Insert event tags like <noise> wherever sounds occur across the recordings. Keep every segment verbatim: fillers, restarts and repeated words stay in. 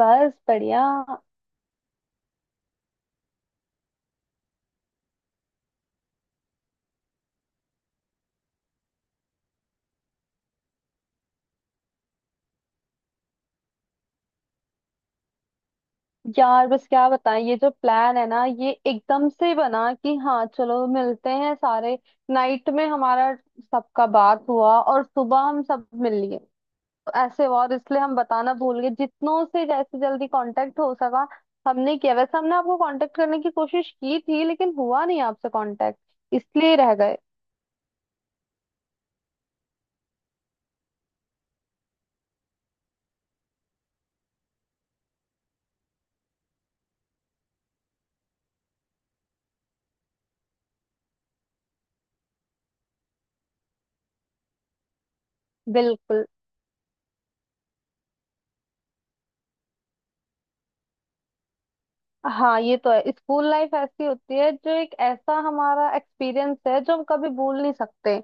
बस बढ़िया। यार बस क्या बताएं, ये जो प्लान है ना, ये एकदम से बना कि हाँ चलो मिलते हैं सारे। नाइट में हमारा सबका बात हुआ और सुबह हम सब मिल लिए। तो ऐसे हुआ और इसलिए हम बताना भूल गए। जितनों से जैसे जल्दी कांटेक्ट हो सका हमने किया। वैसे हमने आपको कांटेक्ट करने की कोशिश की थी, लेकिन हुआ नहीं आपसे कांटेक्ट, इसलिए रह गए। बिल्कुल। हाँ ये तो है, स्कूल लाइफ ऐसी होती है जो एक ऐसा हमारा एक्सपीरियंस है जो हम कभी भूल नहीं सकते।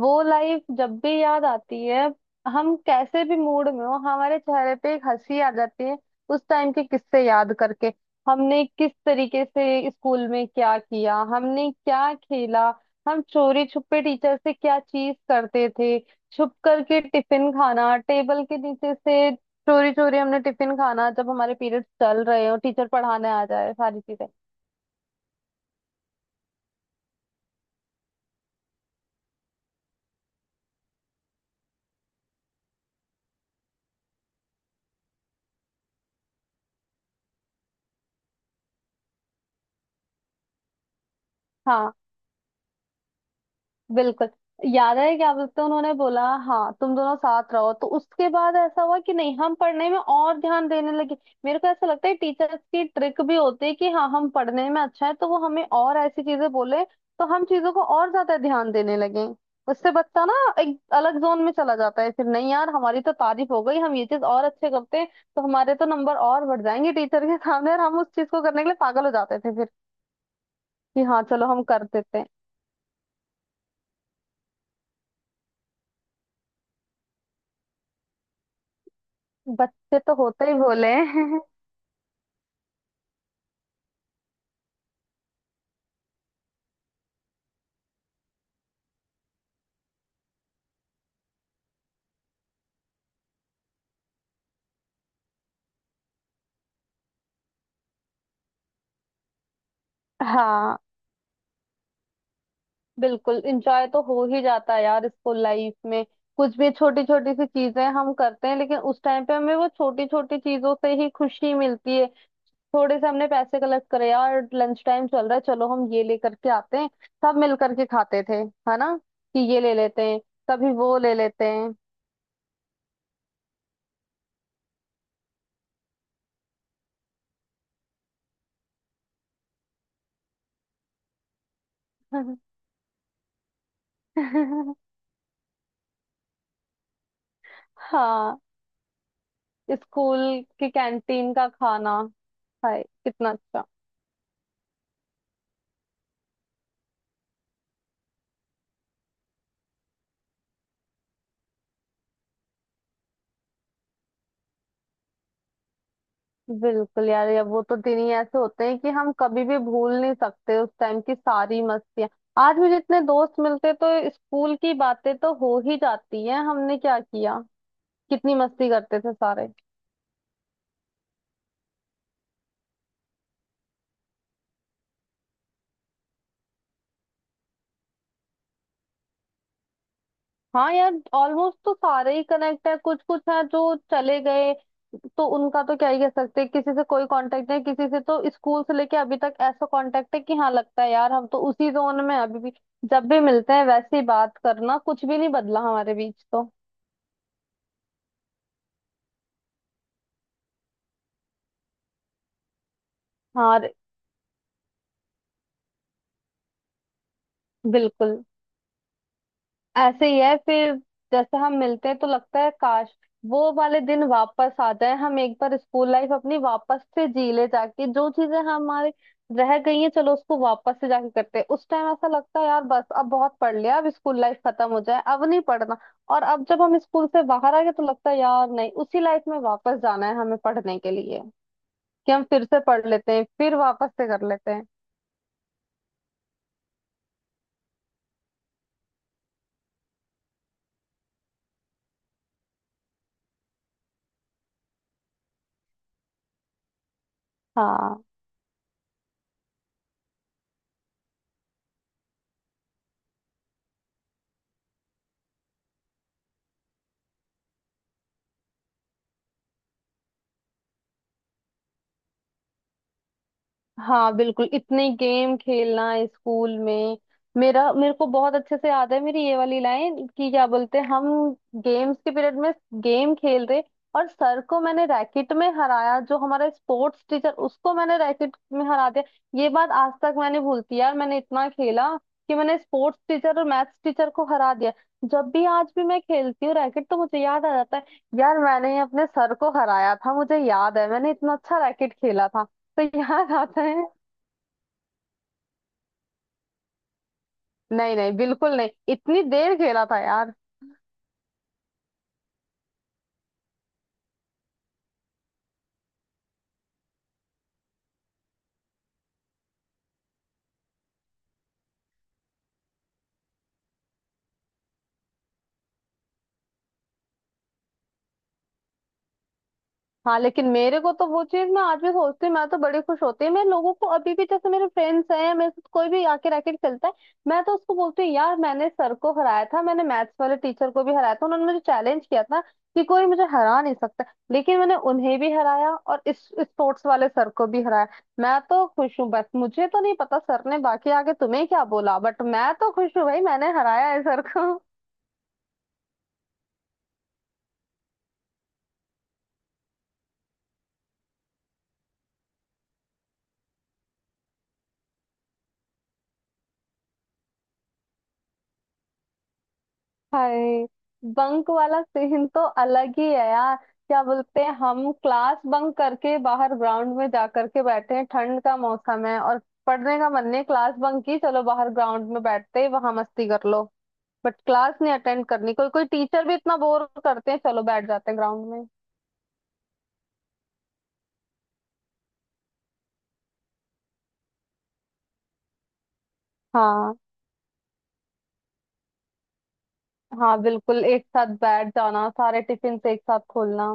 वो लाइफ जब भी याद आती है, हम कैसे भी मूड में हो, हमारे चेहरे पे एक हंसी आ जाती है उस टाइम के किस्से याद करके। हमने किस तरीके से स्कूल में क्या किया, हमने क्या खेला, हम चोरी छुपे टीचर से क्या चीज करते थे, छुप करके टिफिन खाना टेबल के नीचे से, चोरी चोरी हमने टिफिन खाना जब हमारे पीरियड्स चल रहे हो, टीचर पढ़ाने आ जाए, सारी चीजें। हाँ। बिल्कुल। याद है, क्या बोलते हैं, उन्होंने बोला हाँ तुम दोनों साथ रहो, तो उसके बाद ऐसा हुआ कि नहीं हम पढ़ने में और ध्यान देने लगे। मेरे को ऐसा लगता है टीचर्स की ट्रिक भी होती है कि हाँ हम पढ़ने में अच्छा है, तो वो हमें और ऐसी चीजें बोले तो हम चीजों को और ज्यादा ध्यान देने लगे। उससे बच्चा ना एक अलग जोन में चला जाता है फिर। नहीं यार, हमारी तो तारीफ हो गई, हम ये चीज और अच्छे करते हैं, तो हमारे तो नंबर और बढ़ जाएंगे टीचर के सामने, और हम उस चीज को करने के लिए पागल हो जाते थे फिर, कि हाँ चलो हम कर देते हैं। बच्चे तो होते ही भोले हैं। हाँ बिल्कुल, इंजॉय तो हो ही जाता है यार स्कूल लाइफ में। कुछ भी छोटी छोटी सी चीजें हम करते हैं, लेकिन उस टाइम पे हमें वो छोटी छोटी चीजों से ही खुशी मिलती है। थोड़े से हमने पैसे कलेक्ट करे, यार लंच टाइम चल रहा है, चलो हम ये लेकर के आते हैं, सब मिल करके खाते थे। है ना, कि ये ले लेते हैं कभी, वो ले लेते हैं। <laughs> हाँ, स्कूल की कैंटीन का खाना। हाय कितना अच्छा। बिल्कुल यार, या वो तो दिन ही ऐसे होते हैं कि हम कभी भी भूल नहीं सकते उस टाइम की सारी मस्तियां। आज भी जितने दोस्त मिलते तो स्कूल की बातें तो हो ही जाती हैं, हमने क्या किया, कितनी मस्ती करते थे सारे। हाँ यार, ऑलमोस्ट तो सारे ही कनेक्ट है। कुछ कुछ है जो चले गए, तो उनका तो क्या ही कह सकते हैं, किसी से कोई कांटेक्ट नहीं। किसी से तो स्कूल से लेके अभी तक ऐसा कांटेक्ट है कि हाँ लगता है यार हम तो उसी जोन में हैं अभी भी। जब भी मिलते हैं वैसे ही बात करना, कुछ भी नहीं बदला हमारे बीच तो। हाँ बिल्कुल, ऐसे ही है फिर। जैसे हम मिलते हैं तो लगता है काश वो वाले दिन वापस आ जाए, हम एक बार स्कूल लाइफ अपनी वापस से जी ले, जाके जो चीजें हमारे रह गई हैं, चलो उसको वापस से जाके करते हैं। उस टाइम ऐसा लगता है यार बस अब बहुत पढ़ लिया, अब स्कूल लाइफ खत्म हो जाए, अब नहीं पढ़ना, और अब जब हम स्कूल से बाहर आ गए तो लगता है यार नहीं उसी लाइफ में वापस जाना है हमें पढ़ने के लिए, कि हम फिर से पढ़ लेते हैं, फिर वापस से कर लेते हैं। हाँ। हाँ बिल्कुल, इतने गेम खेलना स्कूल में। मेरा मेरे को बहुत अच्छे से याद है, मेरी ये वाली लाइन कि क्या बोलते हैं हम, गेम्स के पीरियड में गेम खेल रहे और सर को मैंने रैकेट में हराया, जो हमारा स्पोर्ट्स टीचर, उसको मैंने रैकेट में हरा दिया। ये बात आज तक मैंने भूलती यार, मैंने इतना खेला कि मैंने स्पोर्ट्स टीचर और मैथ्स टीचर को हरा दिया। जब भी आज भी मैं खेलती हूँ रैकेट तो मुझे याद आ जाता है यार, मैंने अपने सर को हराया था, मुझे याद है मैंने इतना अच्छा रैकेट खेला था। तो याद आता है। नहीं नहीं, बिल्कुल नहीं, इतनी देर खेला था यार। हाँ, लेकिन मेरे को तो वो चीज मैं आज भी सोचती हूँ। मैं तो बड़ी खुश होती है, मैं लोगों को अभी भी जैसे मेरे फ्रेंड्स हैं, मेरे साथ कोई भी आके रैकेट खेलता है, मैं तो उसको बोलती हूँ यार मैंने सर को हराया था, मैंने मैथ्स वाले टीचर को भी हराया था, उन्होंने मुझे चैलेंज किया था कि कोई मुझे हरा नहीं सकता, लेकिन मैंने उन्हें भी हराया और इस स्पोर्ट्स वाले सर को भी हराया। मैं तो खुश हूँ बस, मुझे तो नहीं पता सर ने बाकी आगे तुम्हें क्या बोला, बट मैं तो खुश हूँ भाई, मैंने हराया है सर को। हाय, बंक वाला सीन तो अलग ही है यार। क्या बोलते हैं हम, क्लास बंक करके बाहर ग्राउंड में जा करके बैठे हैं, ठंड का मौसम है और पढ़ने का मन नहीं, क्लास बंक की, चलो बाहर ग्राउंड में बैठते हैं, वहां मस्ती कर लो, बट क्लास नहीं अटेंड करनी। कोई कोई टीचर भी इतना बोर करते हैं, चलो बैठ जाते हैं ग्राउंड में। हाँ। हाँ बिल्कुल, एक साथ बैठ जाना, सारे टिफिन एक साथ खोलना।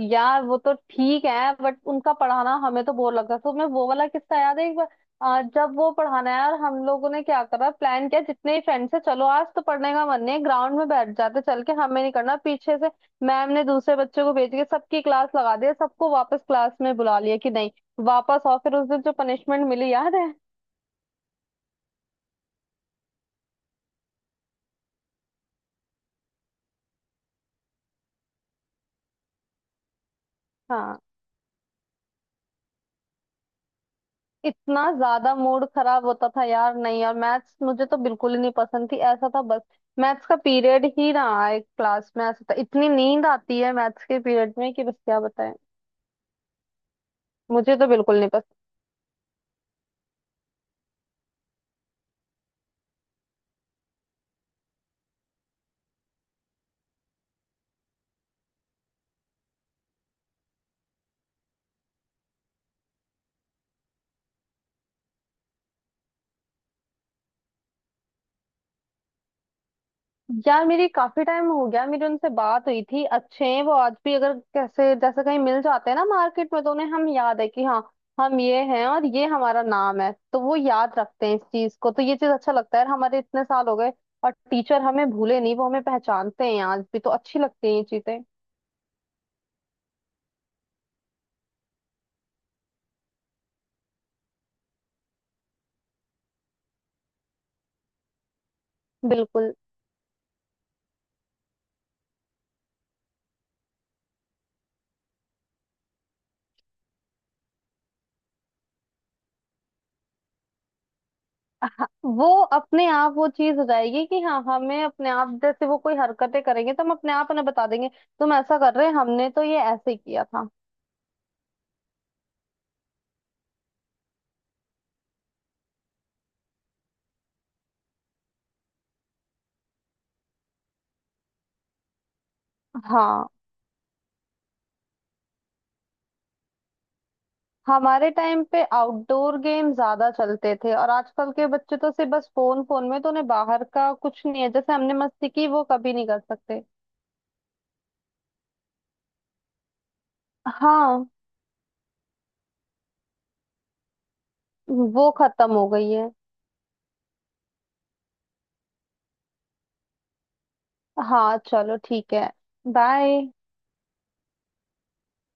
यार वो तो ठीक है, बट उनका पढ़ाना हमें तो बोर लगता है। तो मैं वो वाला किस्सा याद है एक बार, आ, जब वो पढ़ाना है यार, हम लोगों ने क्या करा, प्लान किया जितने ही फ्रेंड्स है, चलो आज तो पढ़ने का मन नहीं है, ग्राउंड में बैठ जाते चल के, हमें नहीं करना। पीछे से मैम ने दूसरे बच्चे को भेज के सबकी क्लास लगा दिया, सबको वापस क्लास में बुला लिया, कि नहीं वापस, और फिर उस दिन जो पनिशमेंट मिली याद है। हाँ। इतना ज्यादा मूड खराब होता था यार, नहीं यार मैथ्स मुझे तो बिल्कुल ही नहीं पसंद थी, ऐसा था बस मैथ्स का पीरियड ही ना आए क्लास में। ऐसा था, इतनी नींद आती है मैथ्स के पीरियड में कि बस क्या बताएं, मुझे तो बिल्कुल नहीं। यार मेरी काफी टाइम हो गया मेरी उनसे बात हुई थी, अच्छे हैं वो आज भी। अगर कैसे जैसे कहीं मिल जाते हैं ना मार्केट में, तो उन्हें हम याद है कि हाँ हम ये हैं और ये हमारा नाम है, तो वो याद रखते हैं इस चीज को। तो ये चीज अच्छा लगता है यार, हमारे इतने साल हो गए और टीचर हमें भूले नहीं, वो हमें पहचानते हैं आज भी, तो अच्छी लगती हैं ये चीजें। बिल्कुल। <laughs> हाँ, वो अपने आप वो चीज हो जाएगी कि हाँ, हमें अपने आप जैसे वो कोई हरकतें करेंगे तो हम अपने आप उन्हें बता देंगे, तुम ऐसा कर रहे हैं, हमने तो ये ऐसे किया था। हाँ। हमारे टाइम पे आउटडोर गेम ज्यादा चलते थे, और आजकल के बच्चे तो सिर्फ बस फोन, फोन में, तो उन्हें बाहर का कुछ नहीं है, जैसे हमने मस्ती की वो कभी नहीं कर सकते। हाँ, वो खत्म हो गई है। हाँ चलो ठीक है। बाय।